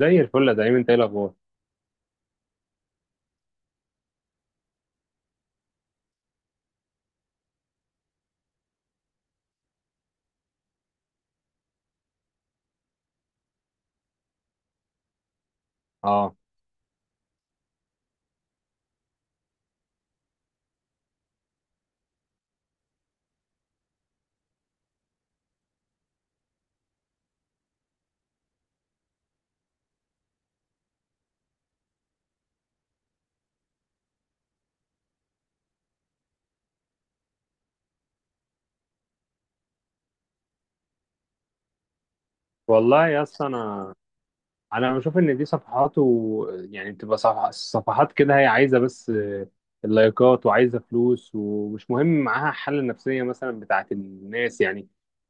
زي الفل يا دايما، انت ايه الاخبار؟ اه، والله يا اسطى، انا بشوف ان دي صفحات يعني بتبقى صفحات كده، هي عايزه بس اللايكات، وعايزه فلوس، ومش مهم معاها الحاله النفسيه مثلا بتاعت الناس يعني.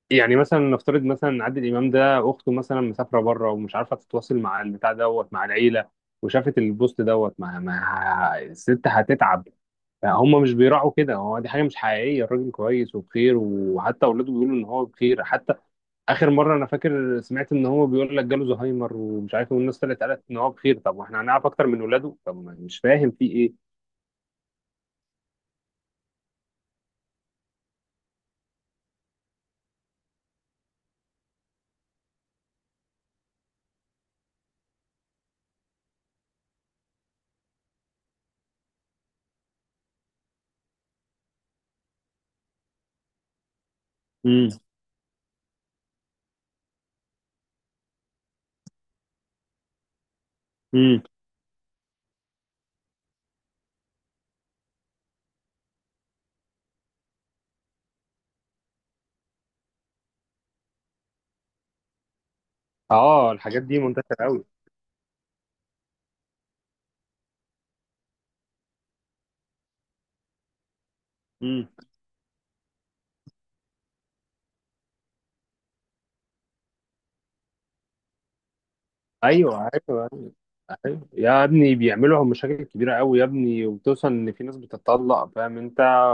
يعني مثلا نفترض مثلا ان عادل امام ده اخته مثلا مسافره بره ومش عارفه تتواصل مع البتاع دوت مع العيله، وشافت البوست دوت مع الست هتتعب. هم مش بيراعوا كده، هو دي حاجه مش حقيقيه، الراجل كويس وبخير، وحتى اولاده بيقولوا ان هو بخير. حتى اخر مره انا فاكر سمعت ان هو بيقول لك جاله زهايمر ومش عارف إيه، والناس طلعت قالت ان هو بخير. طب واحنا هنعرف اكتر من ولاده؟ طب ما مش فاهم في ايه. امم امم اه، الحاجات دي منتشره قوي. امم ايوه، ايوه، ايوه يا ابني، بيعملوا مشاكل كبيره قوي يا ابني، وبتوصل ان في ناس بتتطلق، فاهم انت؟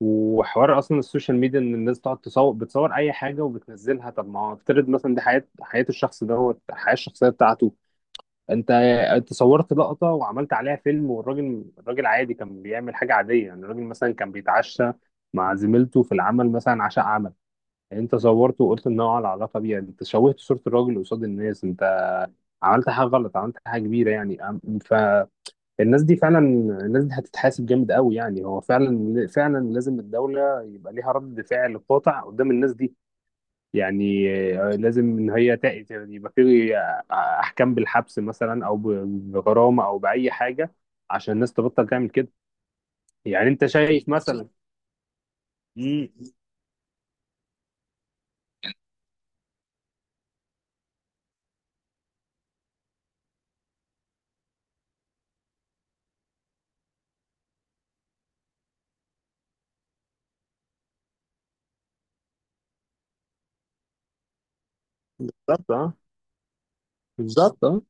وحوار اصلا السوشيال ميديا ان الناس تقعد تصور، بتصور اي حاجه وبتنزلها. طب ما هو افترض مثلا دي حياه الشخص دوت الحياه الشخصيه بتاعته. انت انت صورت لقطة وعملت عليها فيلم، والراجل عادي كان بيعمل حاجة عادية، يعني الراجل مثلا كان بيتعشى مع زميلته في العمل، مثلا عشاء عمل، انت صورته وقلت ان هو على علاقة بيها. انت شوهت صورة الراجل قصاد الناس، انت عملت حاجة غلط، عملت حاجة كبيرة يعني. فالناس دي فعلا، الناس دي هتتحاسب جامد قوي يعني. هو فعلا فعلا لازم الدولة يبقى ليها رد فعل قاطع قدام الناس دي يعني. لازم ان هي يبقى في احكام بالحبس مثلا، او بغرامه، او باي حاجه عشان الناس تبطل تعمل كده. يعني انت شايف مثلا؟ مم. بالظبط، اه. بالظبط، اه.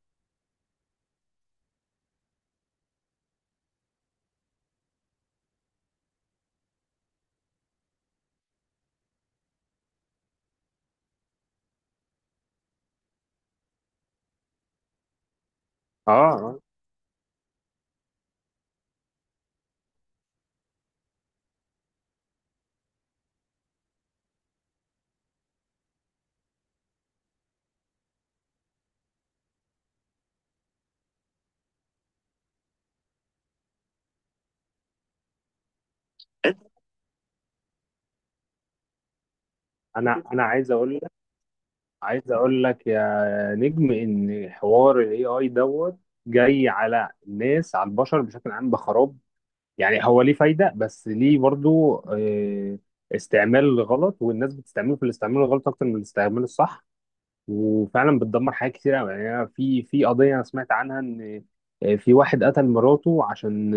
اه، آه. انا عايز اقول لك يا نجم، ان حوار الاي اي دوت جاي على الناس، على البشر بشكل عام بخراب. يعني هو ليه فايده، بس ليه برضو استعمال غلط، والناس بتستعمله في الاستعمال الغلط اكتر من الاستعمال الصح، وفعلا بتدمر حاجات كتير قوي يعني. أنا في قضيه انا سمعت عنها ان في واحد قتل مراته عشان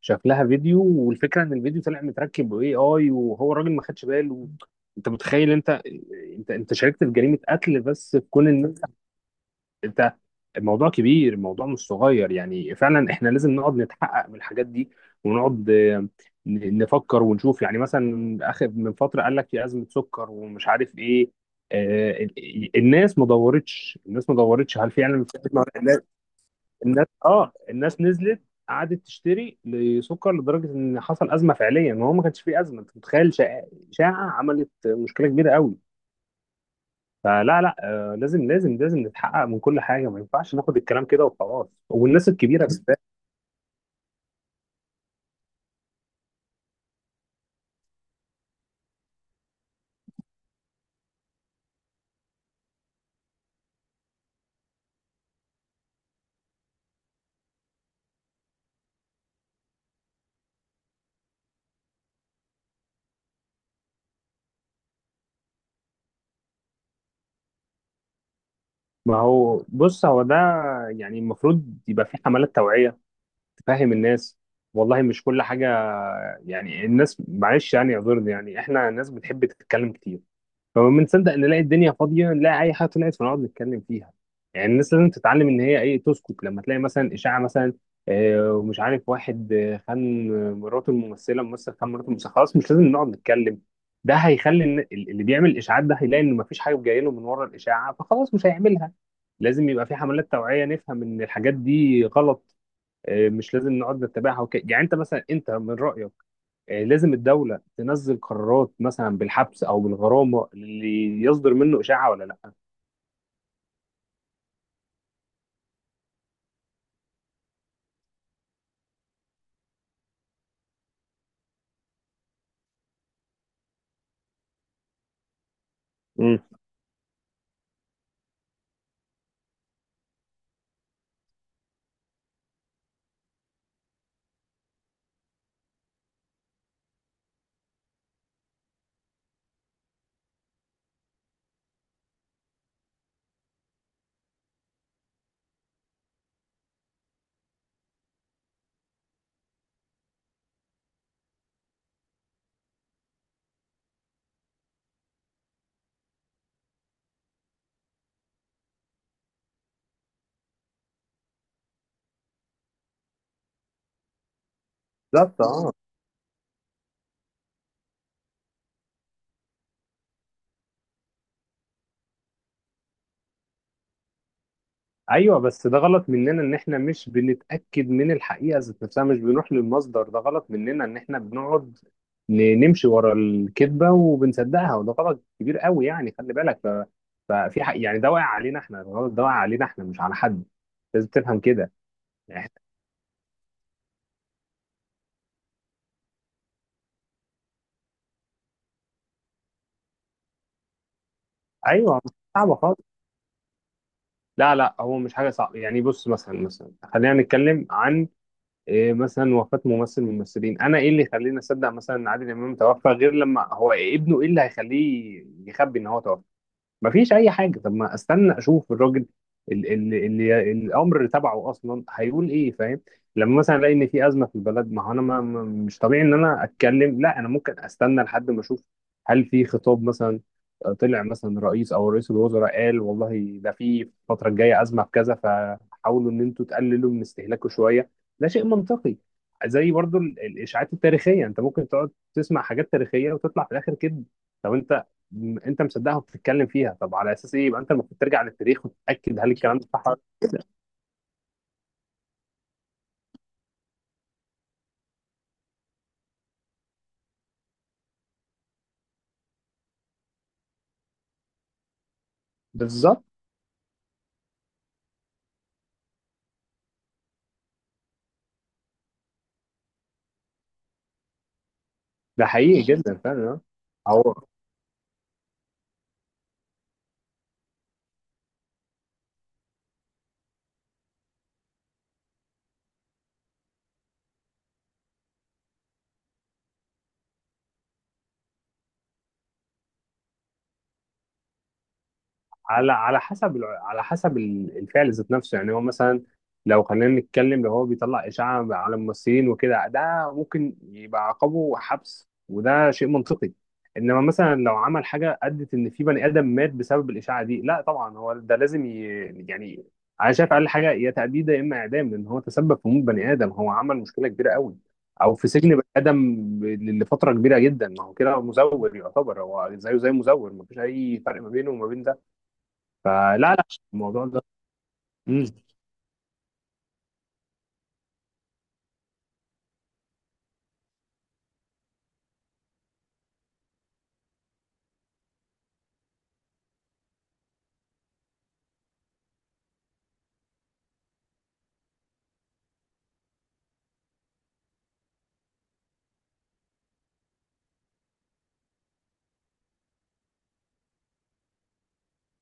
شاف لها فيديو، والفكره ان الفيديو طلع متركب باي اي، وهو الراجل ما خدش باله. انت متخيل؟ انت آه، انت انت شاركت في جريمه قتل بس كون ان انت. انت الموضوع كبير، الموضوع مش صغير يعني. فعلا احنا لازم نقعد نتحقق من الحاجات دي، ونقعد نفكر ونشوف. يعني مثلا اخر من فتره قال لك في ازمه سكر، ومش عارف ايه، آه، ال- الناس ما دورتش، الناس ما دورتش هل فعلا في أزمة؟ اه، الناس نزلت، قعدت تشتري لسكر لدرجه ان حصل ازمه فعليا، وهو ما كانش فيه ازمه. انت متخيل؟ شائعه، شائعة عملت مشكله كبيره قوي. فلا، لا، لازم، لازم، لازم نتحقق من كل حاجه، ما ينفعش ناخد الكلام كده وخلاص، والناس الكبيره بالذات. ما هو بص، هو ده يعني، المفروض يبقى في حملات توعيه تفهم الناس، والله. مش كل حاجه يعني. الناس معلش، يعني اعذرني، يعني احنا ناس بتحب تتكلم كتير، فما بنصدق نلاقي الدنيا فاضيه، نلاقي اي حاجه طلعت فنقعد نتكلم فيها. يعني الناس لازم تتعلم ان هي ايه، تسكت لما تلاقي مثلا اشاعه. مثلا ومش عارف واحد خان مراته الممثله، ممثل خان مراته الممثله، خلاص، مش لازم نقعد نتكلم. ده هيخلي إن اللي بيعمل اشاعات ده هيلاقي ان مفيش حاجه جايه له من ورا الاشاعه، فخلاص مش هيعملها. لازم يبقى في حملات توعيه نفهم ان الحاجات دي غلط، مش لازم نقعد نتبعها وكده يعني. انت مثلا، انت من رايك لازم الدولة تنزل قرارات مثلا بالحبس أو بالغرامة اللي يصدر منه إشاعة، ولا لأ؟ مم. بالظبط، اه. أيوه، بس ده غلط مننا إن إحنا مش بنتأكد من الحقيقة ذات نفسها، مش بنروح للمصدر. ده غلط مننا إن إحنا بنقعد نمشي ورا الكذبة وبنصدقها، وده غلط كبير قوي يعني. خلي بالك. ففي حق يعني، ده واقع علينا إحنا، الغلط ده واقع علينا إحنا، مش على حد. لازم تفهم كده. يعني- ايوه، صعبه خالص. لا، لا، هو مش حاجه صعبه يعني. بص مثلا خلينا نتكلم عن إيه، مثلا وفاة ممثل من الممثلين. انا ايه اللي يخليني اصدق مثلا ان عادل امام توفى غير لما هو ابنه؟ ايه اللي هيخليه يخبي ان هو توفى؟ مفيش اي حاجه. طب ما استنى اشوف الراجل اللي الامر تبعه اصلا، هيقول ايه، فاهم؟ لما مثلا الاقي ان في ازمه في البلد، ما هو انا مش طبيعي ان انا اتكلم. لا، انا ممكن استنى لحد ما اشوف هل في خطاب مثلا طلع، مثلا رئيس او رئيس الوزراء قال والله ده في الفتره الجايه ازمه في كذا، فحاولوا ان انتوا تقللوا من استهلاكه شويه. ده شيء منطقي. زي برضو الاشاعات التاريخيه، انت ممكن تقعد تسمع حاجات تاريخيه وتطلع في الاخر كده. طب انت انت مصدقها وبتتكلم فيها، طب على اساس ايه؟ يبقى انت المفروض ترجع للتاريخ وتتاكد هل الكلام ده صح ولا- بالظبط. ده حقيقي جدا فعلا، آه. هو على حسب الفعل ذات نفسه يعني. هو مثلا، لو خلينا نتكلم، لو هو بيطلع إشاعة على الممثلين وكده، ده ممكن يبقى عقابه حبس، وده شيء منطقي. انما مثلا لو عمل حاجة ادت ان في بني ادم مات بسبب الإشاعة دي، لا طبعا، هو ده لازم يعني انا شايف اقل حاجة يا تأبيد يا اما اعدام، لان هو تسبب في موت بني ادم، هو عمل مشكلة كبيرة قوي. او في سجن بني ادم لفترة كبيرة جدا. ما هو كده مزور يعتبر، هو زيه زي مزور، مفيش اي فرق ما بينه وما بين ده. فلا، لا، الموضوع ده. مم.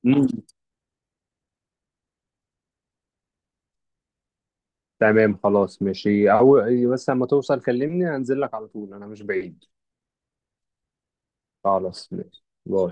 مم. تمام، خلاص، ماشي. أو بس لما توصل كلمني هنزل لك على طول، أنا مش بعيد. خلاص، ماشي، باي.